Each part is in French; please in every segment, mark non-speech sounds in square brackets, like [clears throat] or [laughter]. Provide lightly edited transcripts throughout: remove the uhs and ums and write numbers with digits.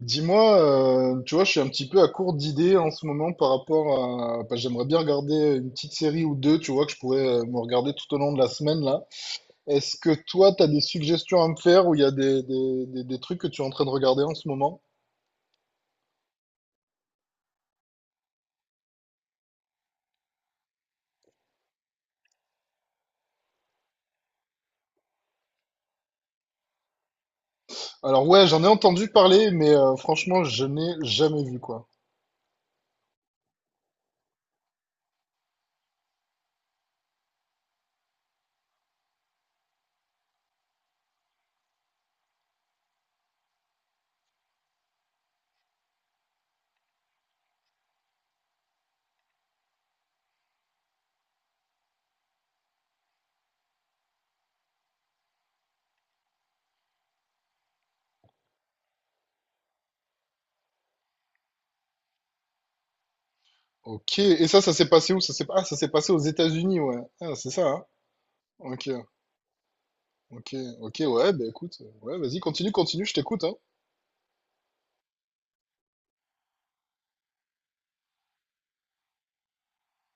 Dis-moi, tu vois, je suis un petit peu à court d'idées en ce moment. Parce que j'aimerais bien regarder une petite série ou deux, tu vois, que je pourrais me regarder tout au long de la semaine, là. Est-ce que toi, t'as des suggestions à me faire ou il y a des trucs que tu es en train de regarder en ce moment? Alors ouais, j'en ai entendu parler, mais franchement, je n'ai jamais vu, quoi. Ok, et ça s'est passé où? Ah, ça s'est passé aux États-Unis, ouais. Ah, c'est ça, hein? Ok, ok, ok, ouais, bah écoute, ouais, vas-y, continue, continue, je t'écoute, hein.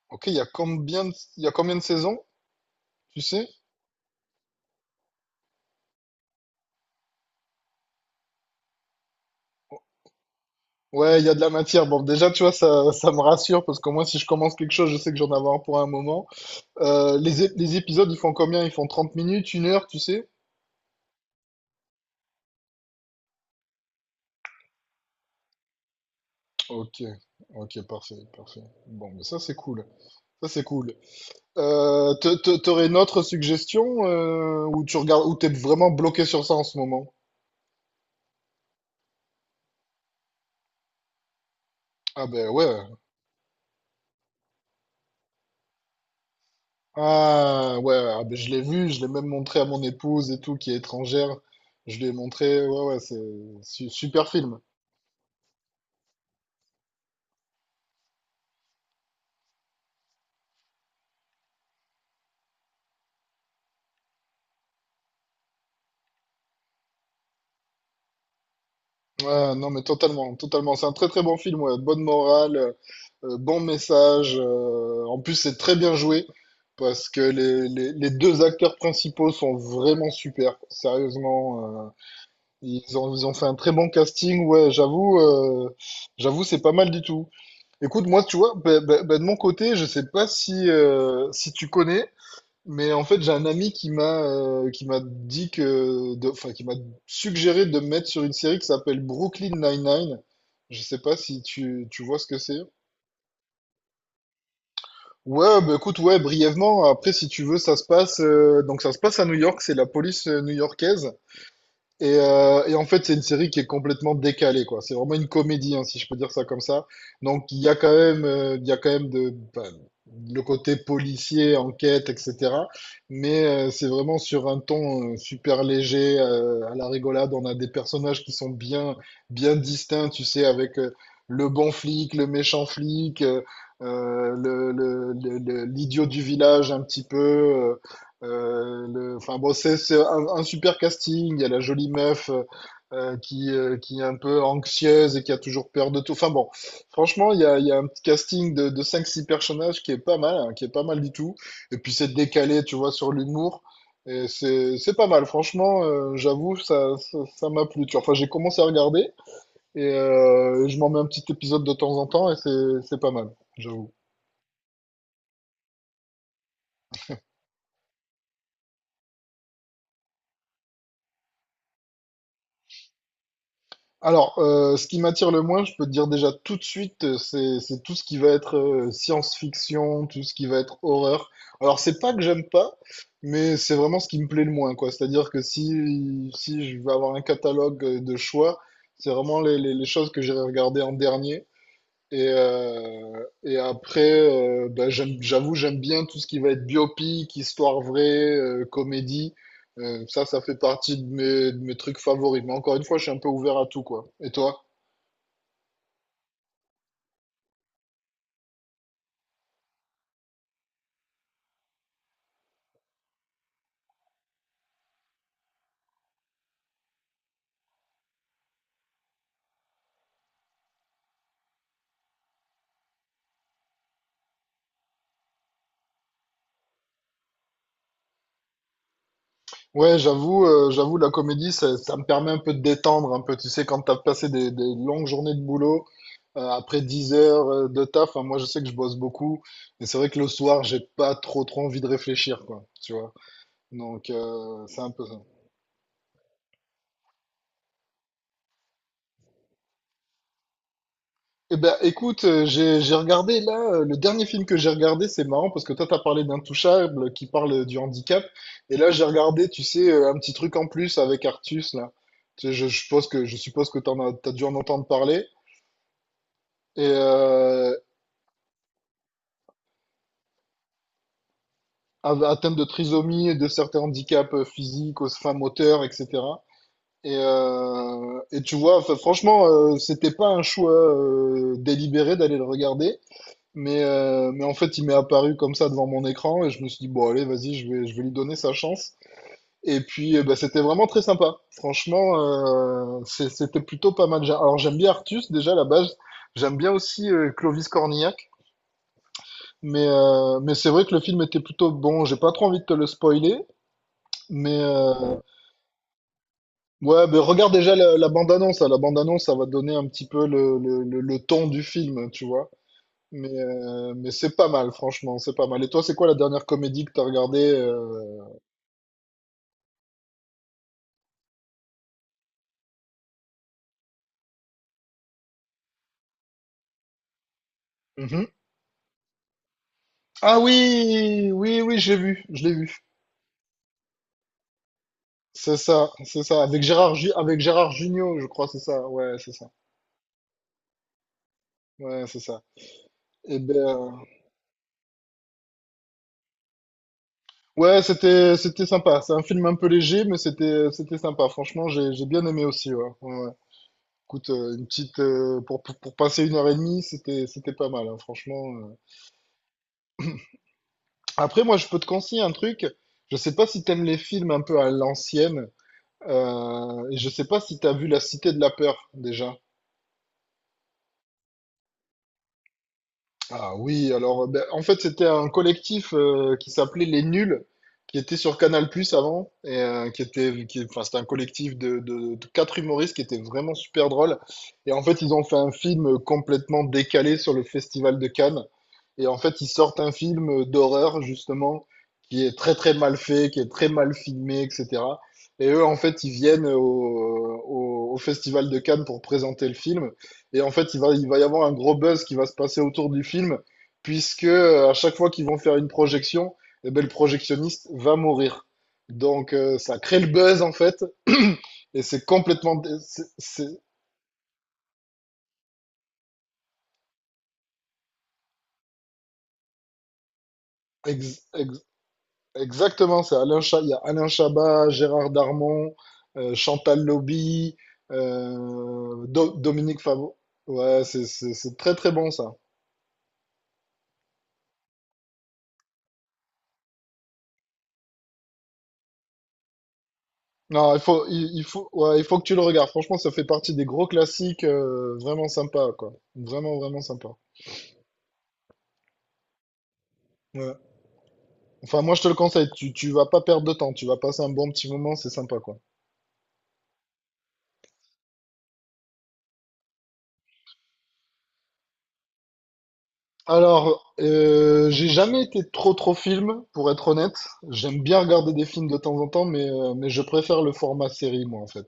Ok, il y a combien de saisons? Tu sais? Ouais, il y a de la matière. Bon, déjà, tu vois, ça me rassure parce qu'au moins, si je commence quelque chose, je sais que j'en avoir pour un moment. Les épisodes, ils font combien? Ils font 30 minutes, 1 heure, tu sais? Ok, ok, parfait, parfait. Bon, mais ça, c'est cool. Ça, c'est cool. T'aurais une autre suggestion ou tu regardes, ou t'es vraiment bloqué sur ça en ce moment? Ah ben ouais. Ah ouais, ah ben, je l'ai vu, je l'ai même montré à mon épouse et tout, qui est étrangère. Je lui ai montré, ouais, ouais, c'est super film. Ouais, non, mais totalement, totalement. C'est un très très bon film, ouais. Bonne morale, bon message. En plus, c'est très bien joué parce que les deux acteurs principaux sont vraiment super. Sérieusement, ils ont fait un très bon casting. Ouais, j'avoue, c'est pas mal du tout. Écoute, moi, tu vois, ben, de mon côté, je sais pas si tu connais. Mais en fait, j'ai un ami qui m'a dit que, enfin, qui m'a suggéré de me mettre sur une série qui s'appelle Brooklyn Nine-Nine. Je sais pas si tu vois ce que c'est. Ouais, bah écoute, ouais, brièvement. Après, si tu veux, ça se passe, donc ça se passe à New York. C'est la police new-yorkaise. Et en fait, c'est une série qui est complètement décalée, quoi. C'est vraiment une comédie, hein, si je peux dire ça comme ça. Donc, il y a quand même, il y a quand même le côté policier, enquête, etc. Mais c'est vraiment sur un ton super léger, à la rigolade. On a des personnages qui sont bien, bien distincts, tu sais, avec le bon flic, le méchant flic, l'idiot du village un petit peu. Enfin bon, c'est un super casting. Il y a la jolie meuf qui est un peu anxieuse et qui a toujours peur de tout. Enfin bon, franchement, il y a un petit casting de 5-6 personnages qui est pas mal, hein, qui est pas mal du tout. Et puis c'est décalé, tu vois, sur l'humour. Et c'est pas mal, franchement, j'avoue, ça m'a plu. Tu vois. Enfin, j'ai commencé à regarder et je m'en mets un petit épisode de temps en temps et c'est pas mal, j'avoue. Alors, ce qui m'attire le moins, je peux te dire déjà tout de suite, c'est tout ce qui va être science-fiction, tout ce qui va être horreur. Alors, c'est pas que j'aime pas, mais c'est vraiment ce qui me plaît le moins, quoi. C'est-à-dire que si je vais avoir un catalogue de choix, c'est vraiment les choses que j'irai regarder en dernier. Et après, bah, j'avoue, j'aime bien tout ce qui va être biopic, histoire vraie, comédie. Ça, ça fait partie de mes trucs favoris. Mais encore une fois, je suis un peu ouvert à tout, quoi. Et toi? Ouais, j'avoue, la comédie, ça me permet un peu de détendre, un peu. Tu sais, quand t'as passé des longues journées de boulot, après 10 heures de taf, hein, moi, je sais que je bosse beaucoup. Mais c'est vrai que le soir, j'ai pas trop, trop envie de réfléchir, quoi. Tu vois? Donc, c'est un peu ça. Eh ben, écoute, j'ai regardé là, le dernier film que j'ai regardé, c'est marrant parce que toi, t'as parlé d'Intouchable qui parle du handicap. Et là, j'ai regardé, tu sais, un petit truc en plus avec Artus, là. Tu sais, je suppose que, t'as dû en entendre parler. Et atteinte de trisomie, et de certains handicaps physiques, enfin moteurs, etc. Et tu vois, enfin, franchement, c'était pas un choix délibéré d'aller le regarder. Mais en fait, il m'est apparu comme ça devant mon écran et je me suis dit, bon, allez, vas-y, je vais lui donner sa chance. Et puis, bah, c'était vraiment très sympa. Franchement, c'était plutôt pas mal. Alors, j'aime bien Artus, déjà, à la base. J'aime bien aussi Clovis Cornillac. Mais c'est vrai que le film était plutôt bon. J'ai pas trop envie de te le spoiler. Mais euh, ouais, bah, regarde déjà la bande-annonce, hein. La bande-annonce, ça va donner un petit peu le ton du film, tu vois. Mais c'est pas mal, franchement, c'est pas mal. Et toi, c'est quoi la dernière comédie que t'as regardée? Mhm. Ah oui, oui, oui, j'ai vu, je l'ai vu. C'est ça, c'est ça. Avec Gérard Jugnot, je crois, c'est ça. Ouais, c'est ça. Ouais, c'est ça. Et ben, ouais, c'était sympa. C'est un film un peu léger, mais c'était sympa. Franchement, j'ai bien aimé aussi. Ouais. Ouais, ouais. Écoute, une petite, pour passer une heure et demie, c'était pas mal, hein, franchement. Après, moi, je peux te conseiller un truc. Je sais pas si t'aimes les films un peu à l'ancienne. Et je sais pas si tu as vu La Cité de la Peur déjà. Ah oui, alors ben, en fait c'était un collectif qui s'appelait Les Nuls, qui était sur Canal+ avant, et enfin c'était un collectif de quatre humoristes qui étaient vraiment super drôles. Et en fait ils ont fait un film complètement décalé sur le Festival de Cannes. Et en fait ils sortent un film d'horreur justement qui est très très mal fait, qui est très mal filmé, etc. Et eux en fait ils viennent au Festival de Cannes pour présenter le film. Et en fait, il va y avoir un gros buzz qui va se passer autour du film, puisque à chaque fois qu'ils vont faire une projection, eh ben, le projectionniste va mourir. Donc ça crée le buzz en fait, [clears throat] et c'est complètement... ex- ex- exactement, c'est il y a Alain Chabat, Gérard Darmon, Chantal Lobby, Dominique Favreau. Ouais, c'est très très bon ça. Non, il faut, il faut, ouais, il faut que tu le regardes. Franchement, ça fait partie des gros classiques vraiment sympa, quoi. Vraiment, vraiment sympa. Ouais. Enfin, moi, je te le conseille. Tu vas pas perdre de temps. Tu vas passer un bon petit moment. C'est sympa, quoi. Alors, j'ai jamais été trop, trop film, pour être honnête. J'aime bien regarder des films de temps en temps, mais je préfère le format série, moi, en fait.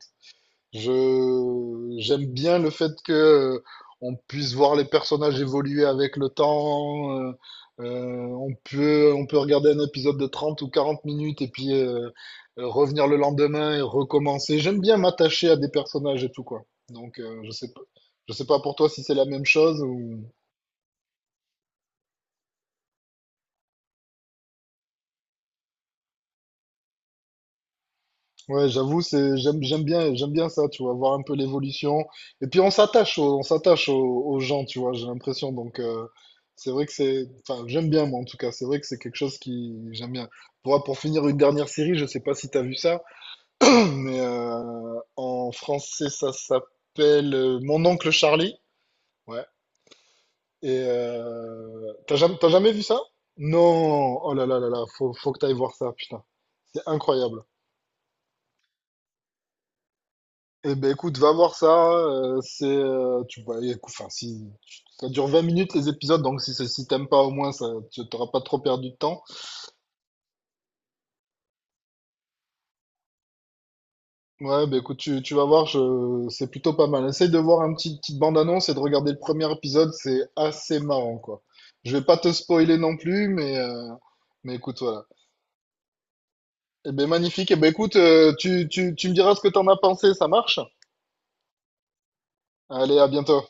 Je j'aime bien le fait que on puisse voir les personnages évoluer avec le temps. On peut regarder un épisode de 30 ou 40 minutes et puis revenir le lendemain et recommencer. J'aime bien m'attacher à des personnages et tout quoi. Donc je sais pas pour toi si c'est la même chose ou Ouais, j'avoue, c'est j'aime j'aime bien ça, tu vois, voir un peu l'évolution. Et puis on s'attache aux gens, tu vois, j'ai l'impression. Donc c'est vrai que enfin j'aime bien moi en tout cas. C'est vrai que c'est quelque chose qui j'aime bien. Pour finir une dernière série, je sais pas si t'as vu ça, mais en français ça s'appelle Mon oncle Charlie. Ouais. Et t'as jamais vu ça? Non. Oh là là là là, faut que t'ailles voir ça, putain. C'est incroyable. Eh ben écoute, va voir ça. Tu vois, enfin si ça dure 20 minutes les épisodes, donc si t'aimes pas au moins, ça, tu t'auras pas trop perdu de temps. Ouais, ben écoute, tu vas voir, c'est plutôt pas mal. Essaye de voir un petite bande-annonce et de regarder le premier épisode, c'est assez marrant quoi. Je vais pas te spoiler non plus, mais écoute voilà. Eh ben magnifique. Eh ben écoute, tu me diras ce que t'en as pensé, ça marche? Allez, à bientôt.